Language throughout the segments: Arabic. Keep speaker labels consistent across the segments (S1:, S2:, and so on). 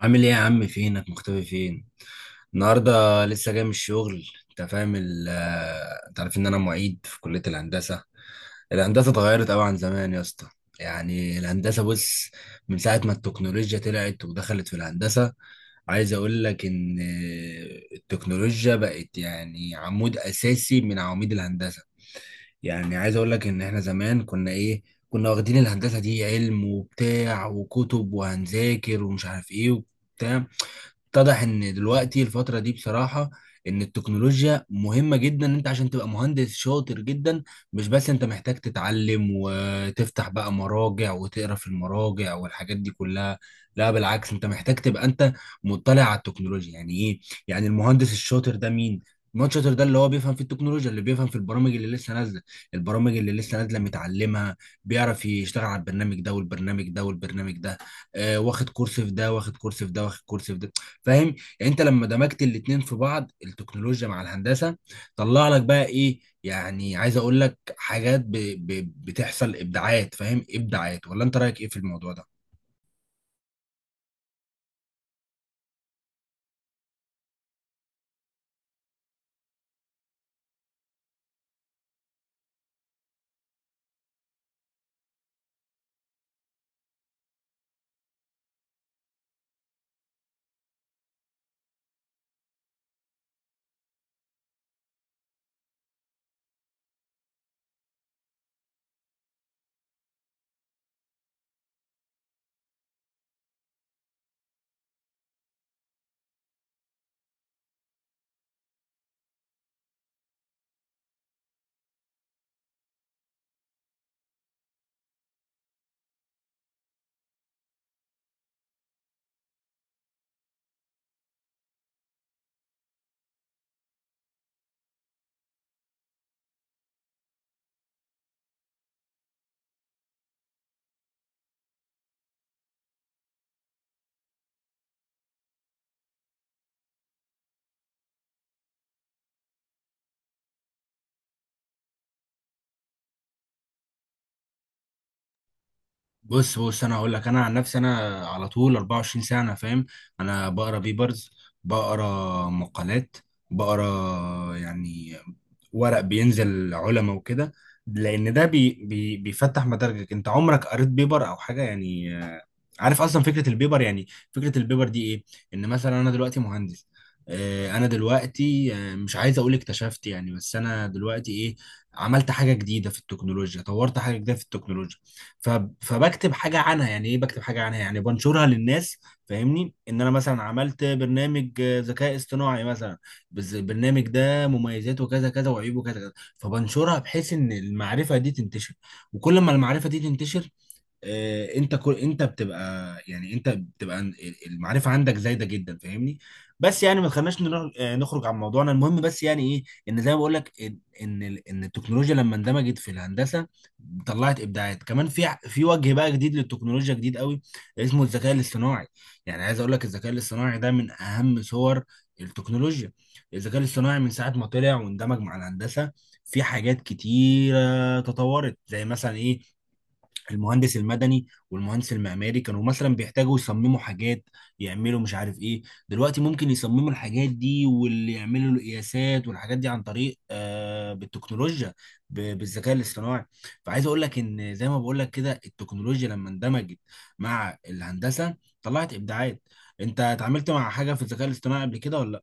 S1: عامل ايه يا عم؟ فينك مختفي فين؟ النهارده لسه جاي من الشغل. انت فاهم انت عارف ان انا معيد في كلية الهندسة. الهندسة اتغيرت قوي عن زمان يا اسطى. يعني الهندسة بص، من ساعة ما التكنولوجيا طلعت ودخلت في الهندسة، عايز اقول لك ان التكنولوجيا بقت يعني عمود اساسي من عواميد الهندسة. يعني عايز اقول لك ان احنا زمان كنا ايه، كنا واخدين الهندسة دي علم وبتاع وكتب وهنذاكر ومش عارف ايه وبتاع. اتضح ان دلوقتي الفتره دي بصراحه ان التكنولوجيا مهمه جدا، ان انت عشان تبقى مهندس شاطر جدا مش بس انت محتاج تتعلم وتفتح بقى مراجع وتقرا في المراجع والحاجات دي كلها. لا بالعكس، انت محتاج تبقى انت مطلع على التكنولوجيا. يعني ايه يعني المهندس الشاطر ده مين؟ المهندس الشاطر ده اللي هو بيفهم في التكنولوجيا، اللي بيفهم في البرامج اللي لسه نازله، البرامج اللي لسه نازله متعلمها، بيعرف يشتغل على البرنامج ده والبرنامج ده والبرنامج ده. آه، واخد كورس في ده واخد كورس في ده واخد كورس في ده. فاهم؟ يعني انت لما دمجت الاتنين في بعض، التكنولوجيا مع الهندسه، طلع لك بقى ايه؟ يعني عايز اقول لك حاجات بتحصل ابداعات. فاهم؟ ابداعات، ولا انت رايك ايه في الموضوع ده؟ بص بص، انا هقول لك. انا عن نفسي انا على طول 24 ساعه، انا فاهم، انا بقرا بيبرز، بقرا مقالات، بقرا يعني ورق بينزل لعلماء وكده، لان ده بي بي بيفتح مداركك. انت عمرك قريت بيبر او حاجه يعني؟ عارف اصلا فكره البيبر يعني؟ فكره البيبر دي ايه؟ ان مثلا انا دلوقتي مهندس، انا دلوقتي مش عايز اقول اكتشفت يعني، بس انا دلوقتي ايه، عملت حاجه جديده في التكنولوجيا، طورت حاجه جديده في التكنولوجيا. ف- فبكتب حاجه عنها. يعني ايه بكتب حاجه عنها؟ يعني بنشرها للناس. فاهمني؟ ان انا مثلا عملت برنامج ذكاء اصطناعي مثلا، بس البرنامج ده ده مميزاته كذا كذا وعيوبه كذا كذا، فبنشرها بحيث ان المعرفه دي تنتشر. وكل ما المعرفه دي تنتشر، انت كل انت بتبقى يعني انت بتبقى المعرفه عندك زايده جدا. فاهمني؟ بس يعني ما تخليناش نخرج عن موضوعنا المهم. بس يعني ايه، ان زي ما بقول لك ان ان التكنولوجيا لما اندمجت في الهندسه طلعت ابداعات، كمان في في وجه بقى جديد للتكنولوجيا جديد قوي اسمه الذكاء الاصطناعي. يعني عايز اقول لك الذكاء الاصطناعي ده من اهم صور التكنولوجيا. الذكاء الاصطناعي من ساعه ما طلع واندمج مع الهندسه في حاجات كتيره تطورت، زي مثلا ايه، المهندس المدني والمهندس المعماري كانوا مثلا بيحتاجوا يصمموا حاجات، يعملوا مش عارف ايه. دلوقتي ممكن يصمموا الحاجات دي واللي يعملوا القياسات والحاجات دي عن طريق آه بالتكنولوجيا، بالذكاء الاصطناعي. فعايز اقول لك ان زي ما بقول لك كده، التكنولوجيا لما اندمجت مع الهندسة طلعت ابداعات. انت اتعاملت مع حاجة في الذكاء الاصطناعي قبل كده ولا لا؟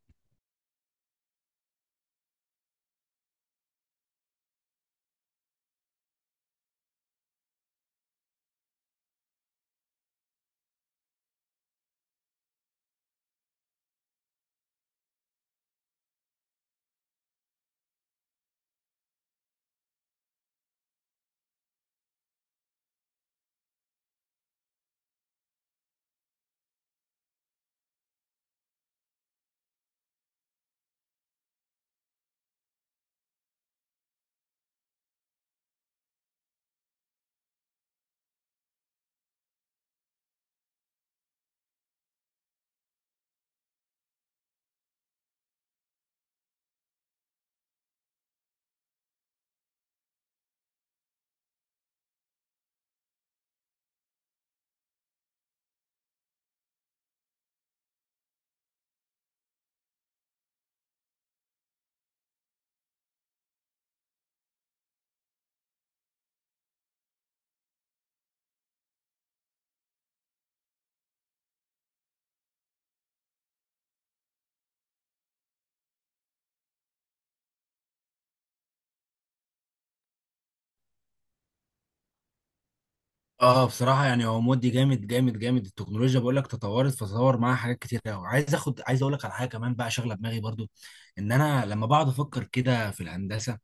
S1: اه، بصراحه يعني هو مودي جامد جامد جامد. التكنولوجيا بقول لك تطورت فطور معاها حاجات كتير قوي. عايز اخد عايز اقول لك على حاجه كمان بقى شغله دماغي برضو، ان انا لما بقعد افكر كده في الهندسه،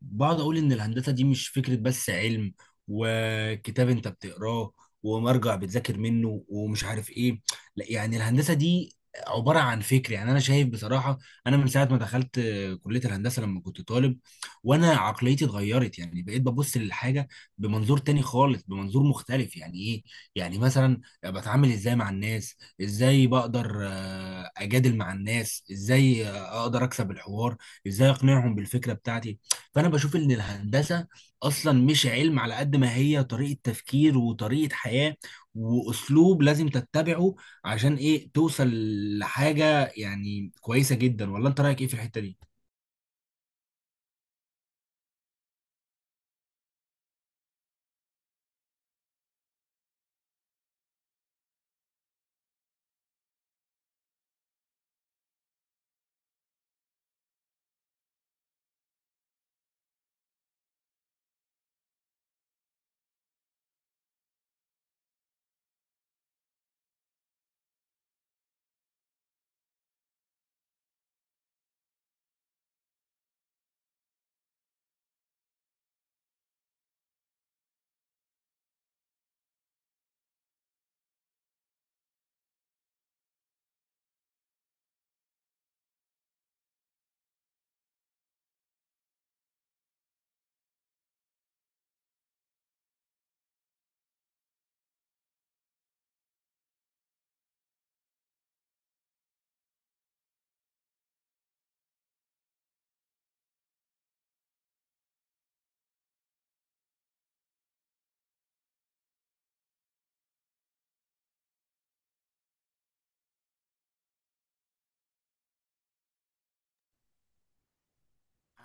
S1: بقعد اقول ان الهندسه دي مش فكره بس علم وكتاب انت بتقراه ومرجع بتذاكر منه ومش عارف ايه. لا، يعني الهندسه دي عباره عن فكر. يعني انا شايف بصراحه انا من ساعه ما دخلت كليه الهندسه لما كنت طالب وانا عقليتي اتغيرت. يعني بقيت ببص للحاجه بمنظور تاني خالص، بمنظور مختلف. يعني ايه؟ يعني مثلا بتعامل ازاي مع الناس، ازاي بقدر اجادل مع الناس، ازاي اقدر اكسب الحوار، ازاي اقنعهم بالفكره بتاعتي. فانا بشوف ان الهندسه اصلا مش علم على قد ما هي طريقه تفكير وطريقه حياه واسلوب لازم تتبعه عشان ايه توصل لحاجه يعني كويسه جدا. ولا انت رايك ايه في الحته دي؟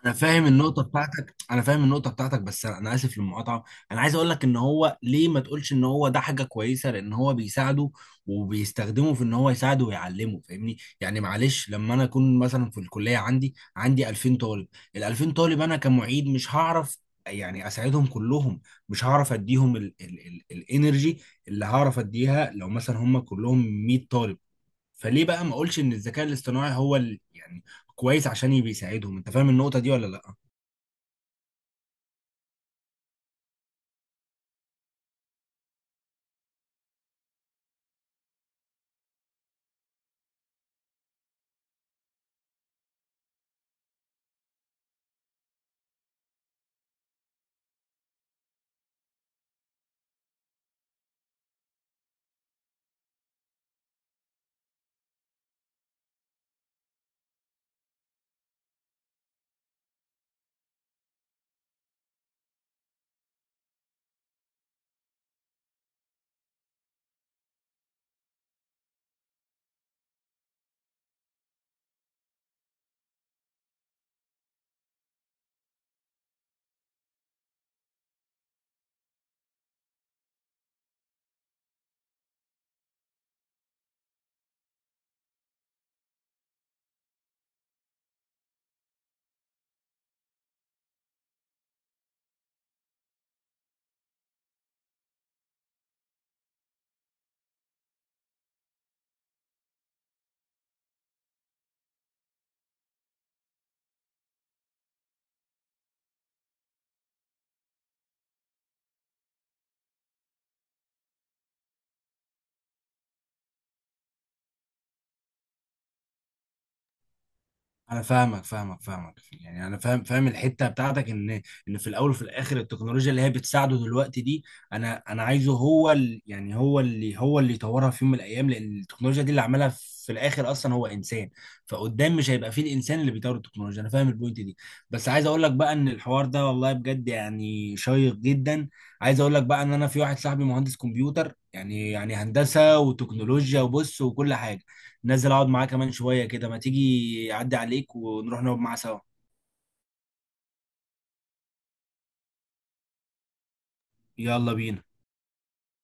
S1: انا فاهم النقطه بتاعتك، انا فاهم النقطه بتاعتك. بس انا أنا اسف للمقاطعه. انا عايز اقول لك ان هو ليه ما تقولش ان هو ده حاجه كويسه، لان هو بيساعده وبيستخدمه في ان هو يساعده ويعلمه. فاهمني؟ يعني معلش، لما انا اكون مثلا في الكليه عندي 2000 طالب، ال 2000 طالب انا كمعيد مش هعرف يعني اساعدهم كلهم، مش هعرف اديهم الانرجي اللي هعرف اديها لو مثلا هم كلهم 100 طالب. فليه بقى ما اقولش ان الذكاء الاصطناعي هو يعني كويس عشان بيساعدهم؟ انت فاهم النقطة دي ولا لا؟ انا فاهمك فاهمك فاهمك. يعني انا فاهم فاهم الحته بتاعتك، ان ان في الاول وفي الاخر التكنولوجيا اللي هي بتساعده دلوقتي دي، انا انا عايزه هو يعني هو اللي يطورها في يوم من الايام، لان التكنولوجيا دي اللي عملها في الاخر اصلا هو انسان. فقدام مش هيبقى فيه الانسان اللي بيطور التكنولوجيا. انا فاهم البوينت دي. بس عايز اقول لك بقى ان الحوار ده والله بجد يعني شيق جدا. عايز اقول لك بقى ان انا في واحد صاحبي مهندس كمبيوتر، يعني يعني هندسه وتكنولوجيا وبص وكل حاجه. نازل اقعد معاه كمان شويه كده، ما تيجي اعدي عليك ونروح نقعد معاه سوا. يلا بينا.